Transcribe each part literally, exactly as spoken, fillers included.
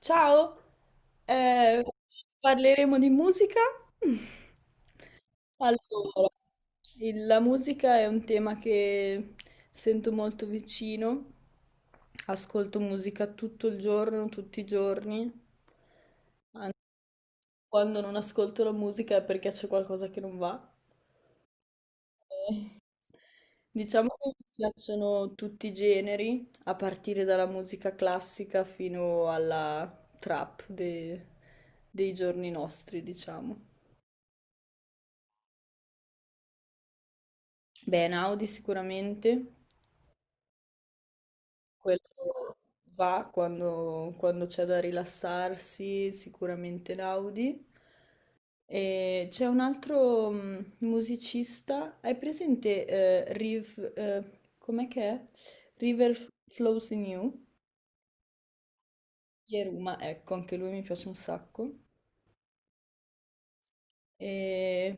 Ciao, eh, parleremo di musica. Allora, il- la musica è un tema che sento molto vicino. Ascolto musica tutto il giorno, tutti i giorni. Anzi, quando non ascolto la musica è perché c'è qualcosa che non va. Eh, Diciamo che mi piacciono tutti i generi, a partire dalla musica classica fino alla trap de- dei giorni nostri, diciamo. Beh, Naudi sicuramente, quello va quando, quando c'è da rilassarsi, sicuramente Naudi. E c'è un altro mh, musicista, hai presente eh, Riv, eh, com'è che è? River Flows in You? Yeruma, ecco, anche lui mi piace un sacco. E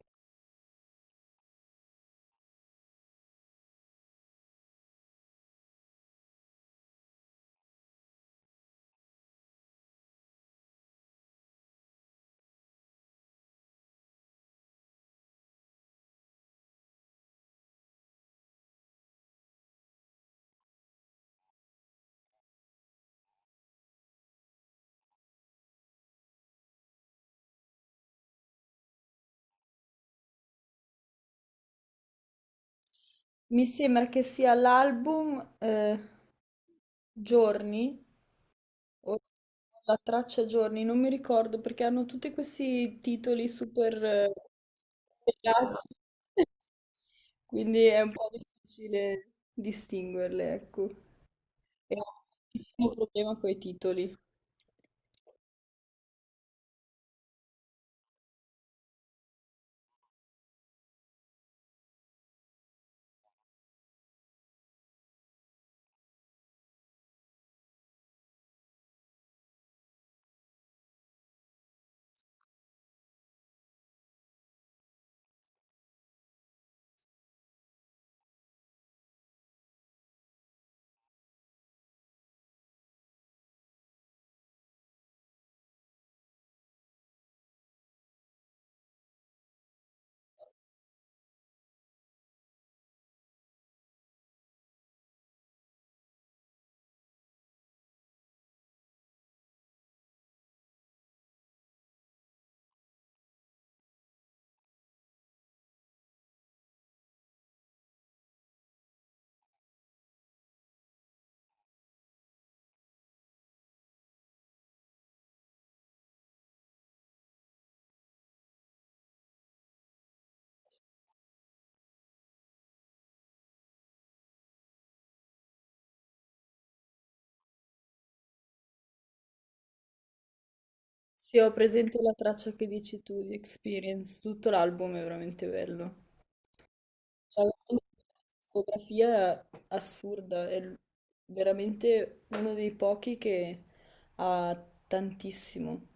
mi sembra che sia l'album eh, Giorni, o la traccia Giorni, non mi ricordo perché hanno tutti questi titoli super eh, legati, quindi è un po' difficile distinguerle, ecco. E ho un grandissimo problema con i titoli. Sì, ho presente la traccia che dici tu di Experience, tutto l'album è veramente bello. Cioè, una discografia assurda, è l- veramente uno dei pochi che ha tantissimo.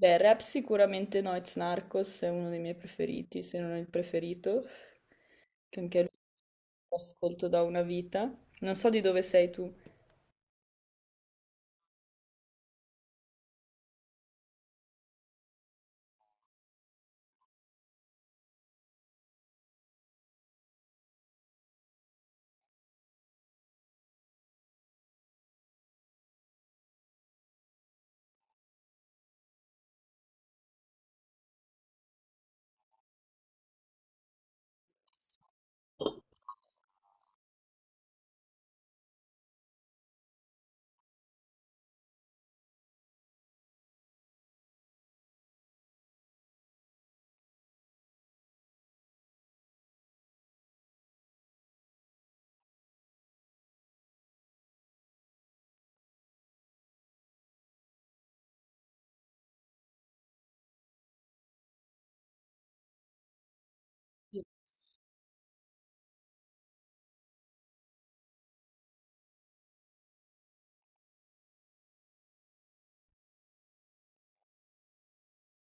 Beh, rap sicuramente Noyz Narcos è uno dei miei preferiti, se non il preferito, che anche lui lo ascolto da una vita. Non so di dove sei tu.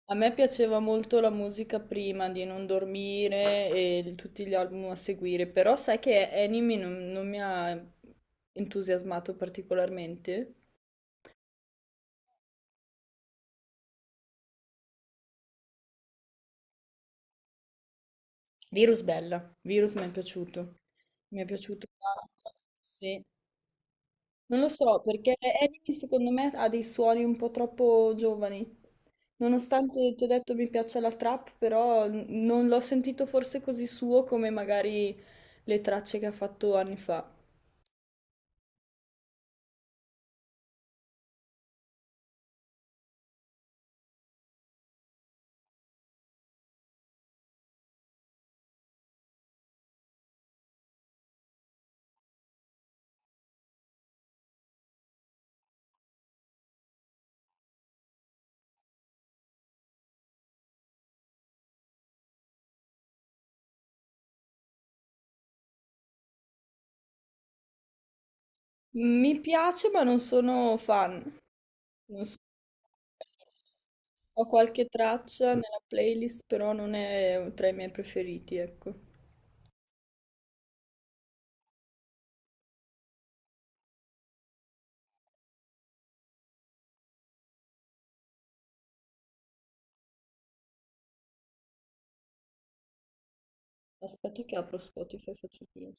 A me piaceva molto la musica prima di Non dormire e il- tutti gli album a seguire, però sai che Enemy non, non mi ha entusiasmato particolarmente. Virus bella, Virus mi è piaciuto, mi è piaciuto tanto, sì. Non lo so, perché Enemy secondo me ha dei suoni un po' troppo giovani. Nonostante ti ho detto mi piaccia la trap, però n- non l'ho sentito forse così suo come magari le tracce che ha fatto anni fa. Mi piace, ma non sono fan. Non so- Ho qualche traccia nella playlist, però non è tra i miei preferiti, ecco. Aspetta che apro Spotify e faccio prima.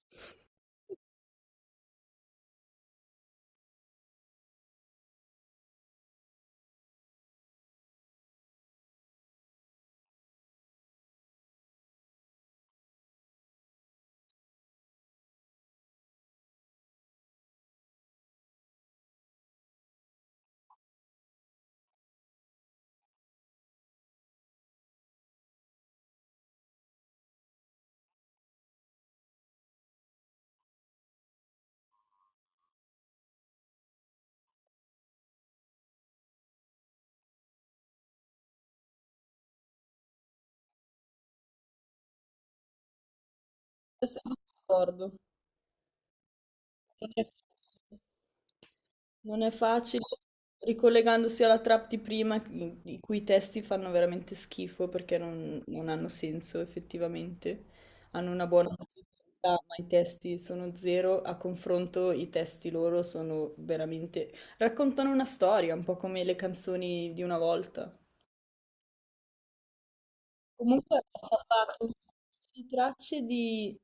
Adesso sono d'accordo. Non è, non è facile, ricollegandosi alla trap di prima, i i cui testi fanno veramente schifo perché non, non hanno senso effettivamente. Hanno una buona musicalità, ma i testi sono zero. A confronto, i testi loro sono veramente raccontano una storia, un po' come le canzoni di una volta. Comunque ha salvato un sacco di tracce di,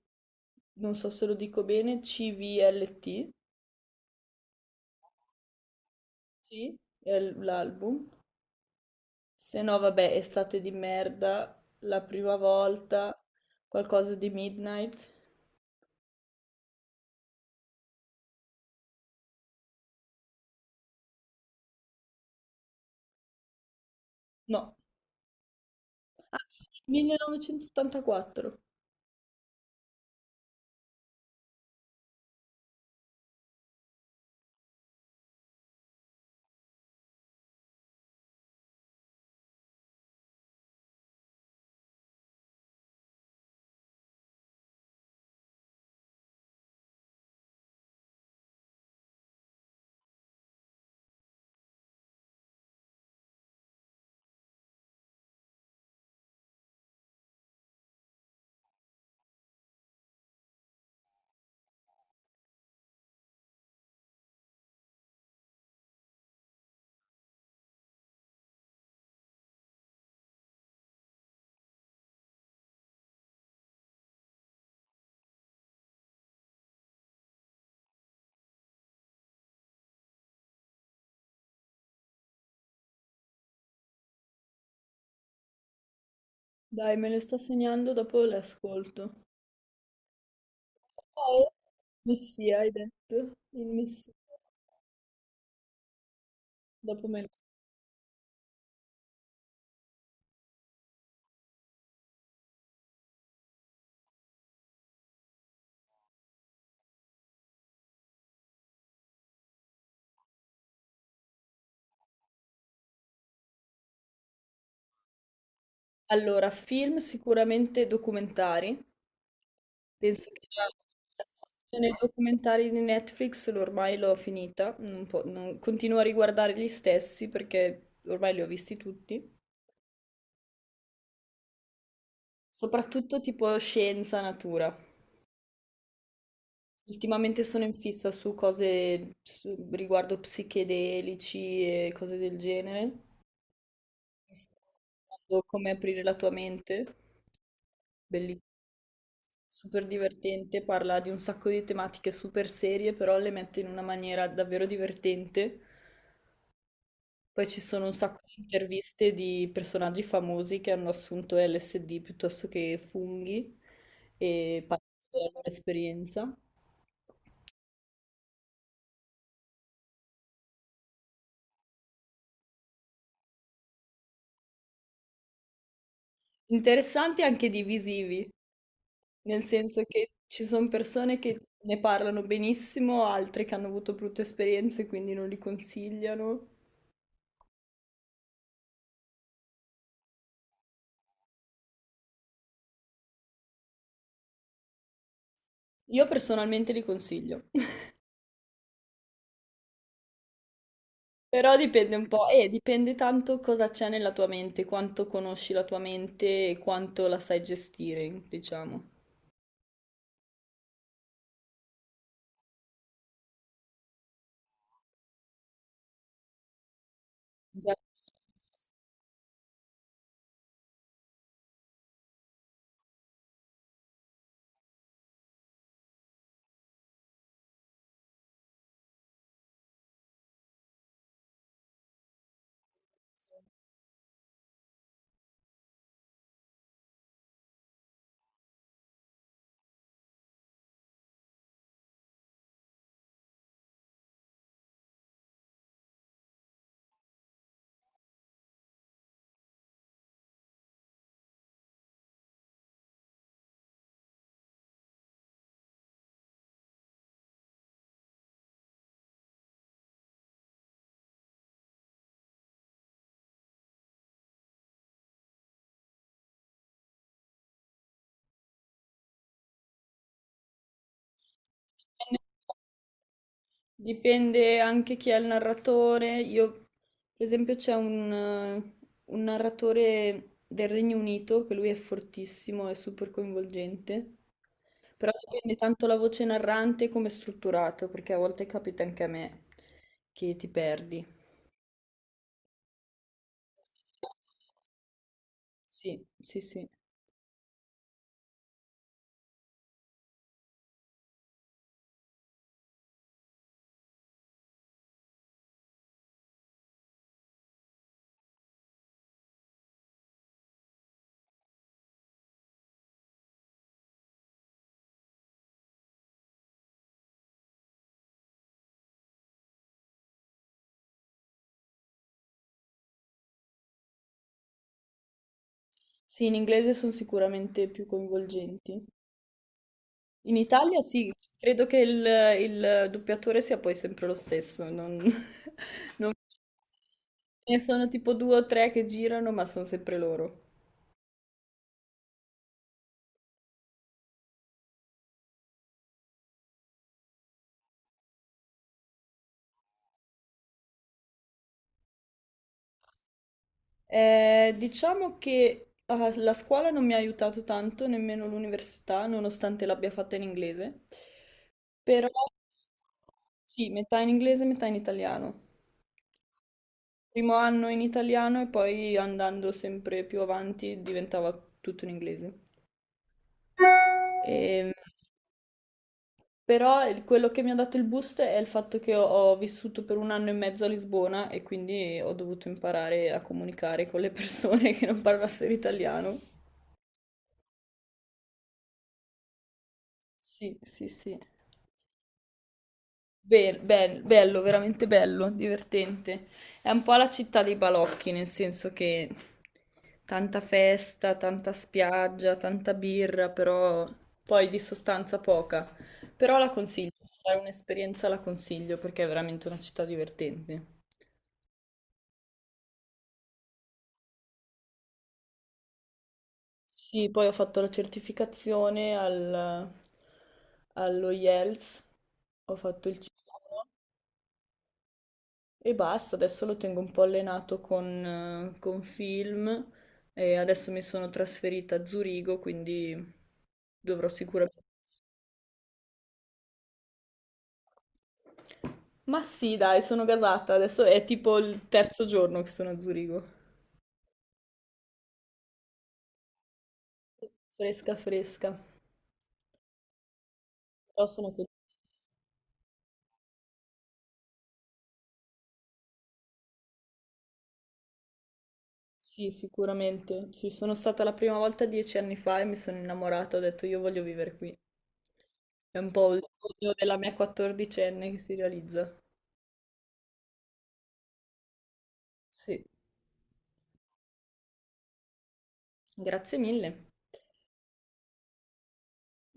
non so se lo dico bene, cult, sì, è l- l'album. Se no, vabbè, estate di merda, la prima volta, qualcosa di Midnight. No, ah sì, millenovecentottantaquattro. Dai, me le sto segnando, dopo le ascolto. Poi, Messia, hai detto? Il Messia, dopo me. lo- Allora, film sicuramente documentari. Penso che la nei documentari di Netflix l- ormai l'ho finita, non po- non- continuo a riguardare gli stessi perché ormai li ho visti tutti, soprattutto tipo scienza, natura. Ultimamente sono in fissa su cose su- riguardo psichedelici e cose del genere. Mi sto guardando Come aprire la tua mente, bellissimo, super divertente, parla di un sacco di tematiche super serie, però le mette in una maniera davvero divertente. Poi ci sono un sacco di interviste di personaggi famosi che hanno assunto L S D piuttosto che funghi e parlano della loro esperienza. Interessanti anche divisivi, nel senso che ci sono persone che ne parlano benissimo, altre che hanno avuto brutte esperienze, e quindi non li consigliano. Io personalmente li consiglio, però dipende un po', e dipende tanto cosa c'è nella tua mente, quanto conosci la tua mente e quanto la sai gestire, diciamo. Dipende anche chi è il narratore. Io, per esempio, c'è un, eh, un narratore del Regno Unito che lui è fortissimo, è super coinvolgente, però dipende tanto la voce narrante come è strutturato, perché a volte capita anche a me che ti perdi. Sì, sì, sì. Sì, in inglese sono sicuramente più coinvolgenti. In Italia sì, credo che il, il doppiatore sia poi sempre lo stesso, non, non- ne sono tipo due o tre che girano, ma sono sempre loro. Eh, diciamo che ah, la scuola non mi ha aiutato tanto, nemmeno l'università, nonostante l'abbia fatta in inglese, però sì, metà in inglese, metà in italiano. Primo anno in italiano e poi andando sempre più avanti diventava tutto in inglese. Ehm, Però il- quello che mi ha dato il boost è il fatto che ho, ho vissuto per un anno e mezzo a Lisbona e quindi ho dovuto imparare a comunicare con le persone che non parlassero italiano. Sì, sì, sì. Be- bel- bello, veramente bello, divertente. È un po' la città dei balocchi, nel senso che tanta festa, tanta spiaggia, tanta birra, però poi di sostanza poca. Però la consiglio, se fai un'esperienza la consiglio perché è veramente una città divertente. Sì, poi ho fatto la certificazione al, allo IELTS, ho fatto il C uno e basta, adesso lo tengo un po' allenato con, eh, con film e adesso mi sono trasferita a Zurigo, quindi dovrò sicuramente. Ma sì, dai, sono gasata, adesso è tipo il terzo giorno che sono a Zurigo. Fresca, fresca, però sono contenta. Sì, sicuramente. Sì, sono stata la prima volta dieci anni fa e mi sono innamorata, ho detto io voglio vivere qui. È un po' il sogno della mia quattordicenne che si realizza. Sì, grazie mille.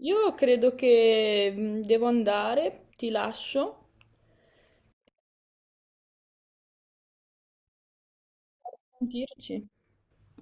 Io credo che mm, devo andare, ti lascio. Sentirci.